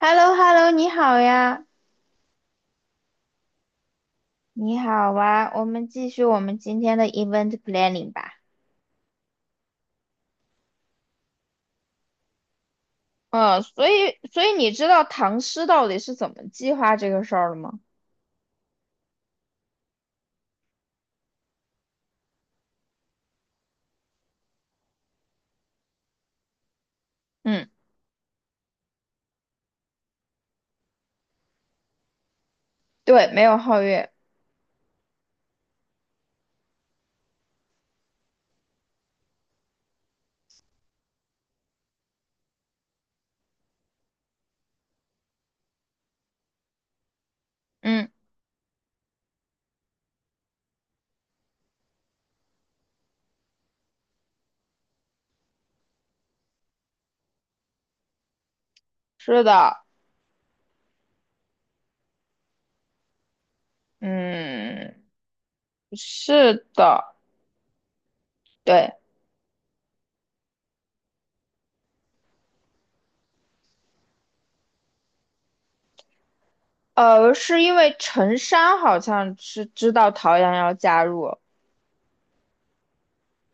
hello hello 你好呀，你好啊，我们继续我们今天的 event planning 吧。嗯，所以你知道唐诗到底是怎么计划这个事儿了吗？嗯，对，没有皓月。嗯，是的，嗯，是的，对，是因为陈山好像是知道陶阳要加入，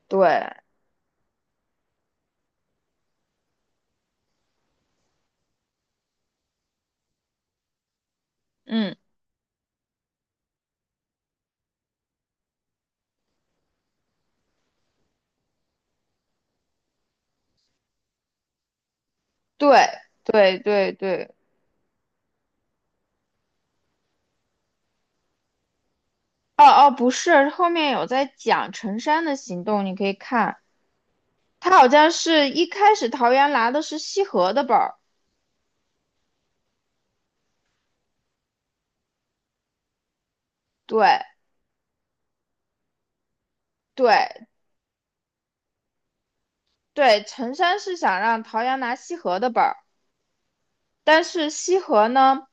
对，嗯，对，对对对，哦哦，不是，后面有在讲陈山的行动，你可以看。他好像是一开始桃园拿的是西河的本儿，对对对，陈山是想让桃园拿西河的本儿，但是西河呢，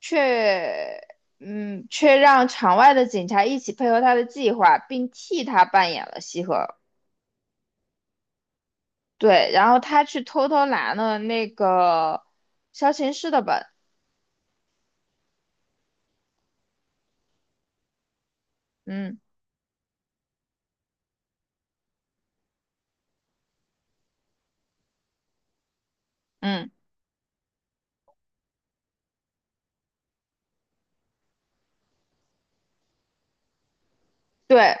却却让场外的警察一起配合他的计划，并替他扮演了西河。对，然后他去偷偷拿了那个萧琴师的本，嗯嗯，对，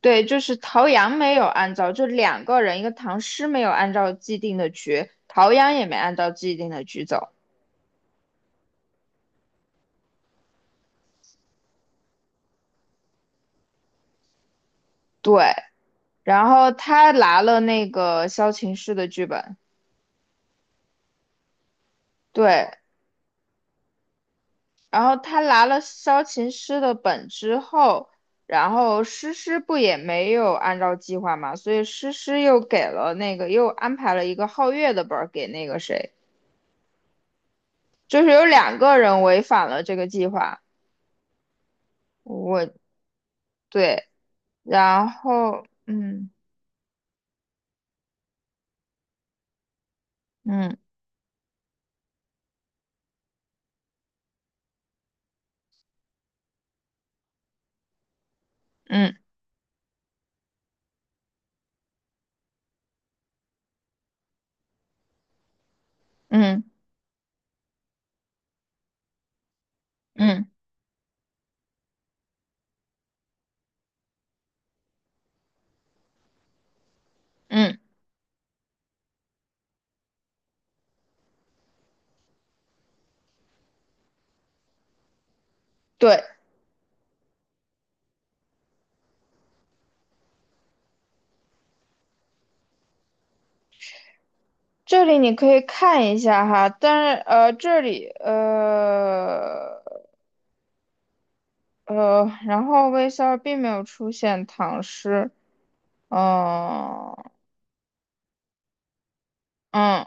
对，就是陶阳没有按照，就两个人，一个唐诗没有按照既定的局，陶阳也没按照既定的局走。对，然后他拿了那个萧琴师的剧本，对，然后他拿了萧琴师的本之后，然后诗诗不也没有按照计划嘛，所以诗诗又给了那个又安排了一个皓月的本儿给那个谁，就是有两个人违反了这个计划。我对，然后嗯。嗯嗯嗯嗯嗯，对，这里你可以看一下哈，但是这里然后微笑并没有出现唐诗，哦、嗯，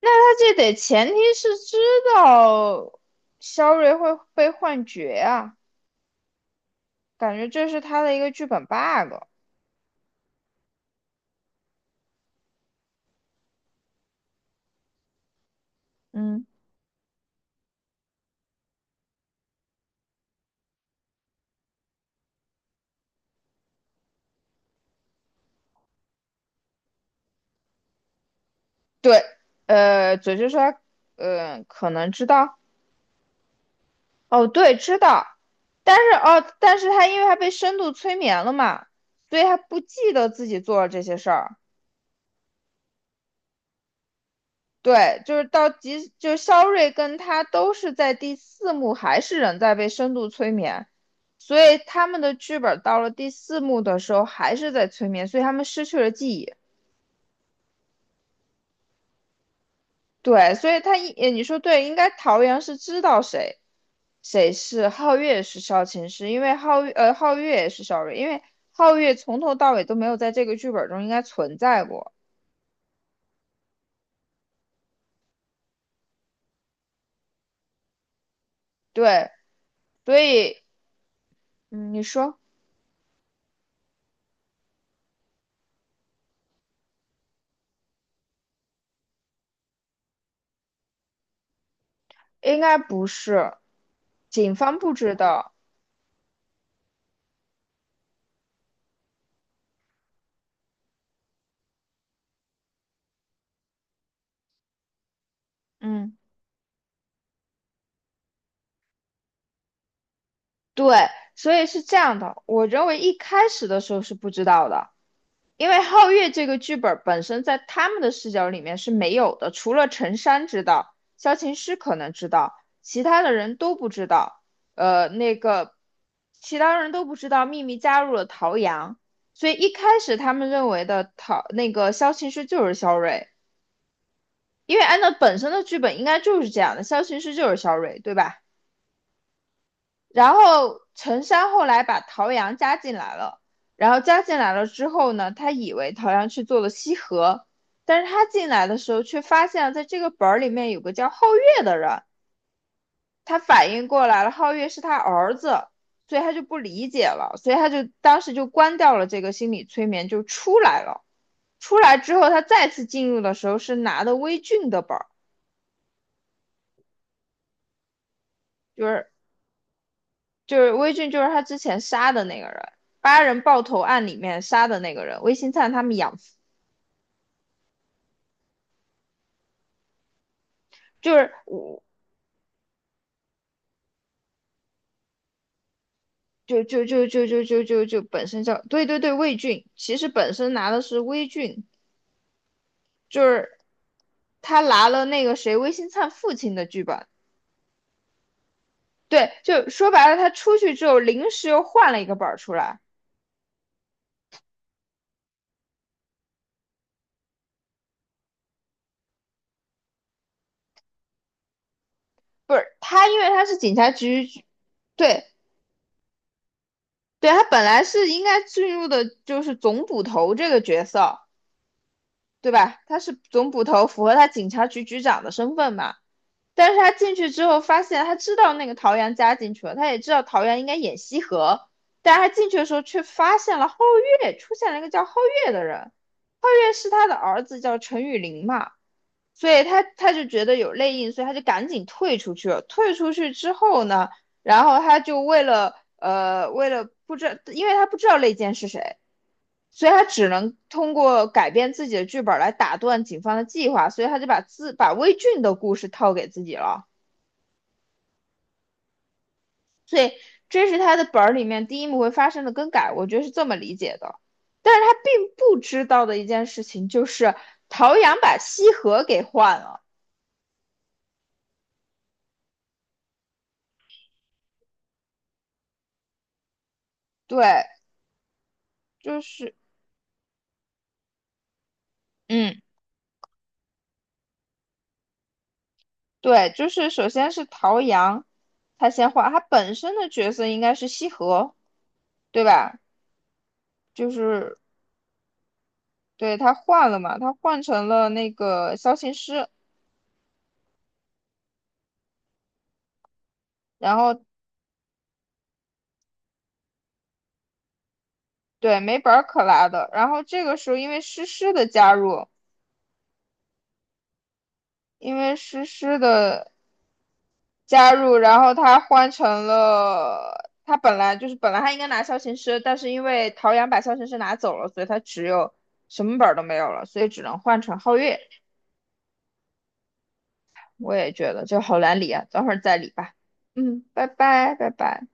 那他这得前提是知道肖瑞会被幻觉啊，感觉这是他的一个剧本 bug，嗯，对，嘴就说他可能知道。哦，对，知道，但是因为他被深度催眠了嘛，所以他不记得自己做了这些事儿。对，就是到即，就是肖瑞跟他都是在第四幕还是人在被深度催眠，所以他们的剧本到了第四幕的时候还是在催眠，所以他们失去了记忆。对，所以你说对，应该桃园是知道谁是皓月是萧琴师，是因为皓月也是萧睿，因为皓月从头到尾都没有在这个剧本中应该存在过。对，所以嗯，你说应该不是，警方不知道。嗯，对，所以是这样的，我认为一开始的时候是不知道的。因为皓月这个剧本本身在他们的视角里面是没有的，除了陈山知道，萧琴师可能知道，其他的人都不知道。那个其他人都不知道秘密加入了陶阳，所以一开始他们认为的那个萧琴师就是萧睿，因为按照本身的剧本应该就是这样的，萧琴师就是萧睿，对吧？然后陈山后来把陶阳加进来了，然后加进来了之后呢，他以为陶阳去做了西河，但是他进来的时候却发现了在这个本儿里面有个叫皓月的人，他反应过来了，皓月是他儿子，所以他就不理解了，所以他就当时就关掉了这个心理催眠，就出来了。出来之后，他再次进入的时候是拿的微俊的本儿，就是就是微俊，就是他之前杀的那个人，八人爆头案里面杀的那个人，魏新灿他们养就是我，就本身叫，对对对，魏俊，其实本身拿的是微俊，就是他拿了那个谁魏新灿父亲的剧本，对，就说白了，他出去之后临时又换了一个本儿出来，不是他，因为他是警察局，对对，他本来是应该进入的就是总捕头这个角色。对吧？他是总捕头，符合他警察局局长的身份嘛。但是他进去之后，发现他知道那个陶阳加进去了，他也知道陶阳应该演西河，但是他进去的时候却发现了皓月，出现了一个叫皓月的人。皓月是他的儿子，叫陈雨林嘛。所以他就觉得有内应，所以他就赶紧退出去了。退出去之后呢，然后他就为了不知道，因为他不知道内奸是谁，所以他只能通过改变自己的剧本来打断警方的计划，所以他就把魏俊的故事套给自己了。所以这是他的本儿里面第一幕会发生的更改，我觉得是这么理解的。但是他并不知道的一件事情就是陶阳把西河给换了，对，就是嗯。对，就是首先是陶阳，他先换，他本身的角色应该是西河，对吧？就是对他换了嘛，他换成了那个萧琴师，然后对没本儿可拿的，然后这个时候因为诗诗的加入，因为诗诗的然后他换成了他本来他应该拿萧琴师，但是因为陶阳把萧琴师拿走了，所以他只有什么本儿都没有了，所以只能换成皓月。我也觉得，就好难理啊，等会儿再理吧。嗯，拜拜，拜拜。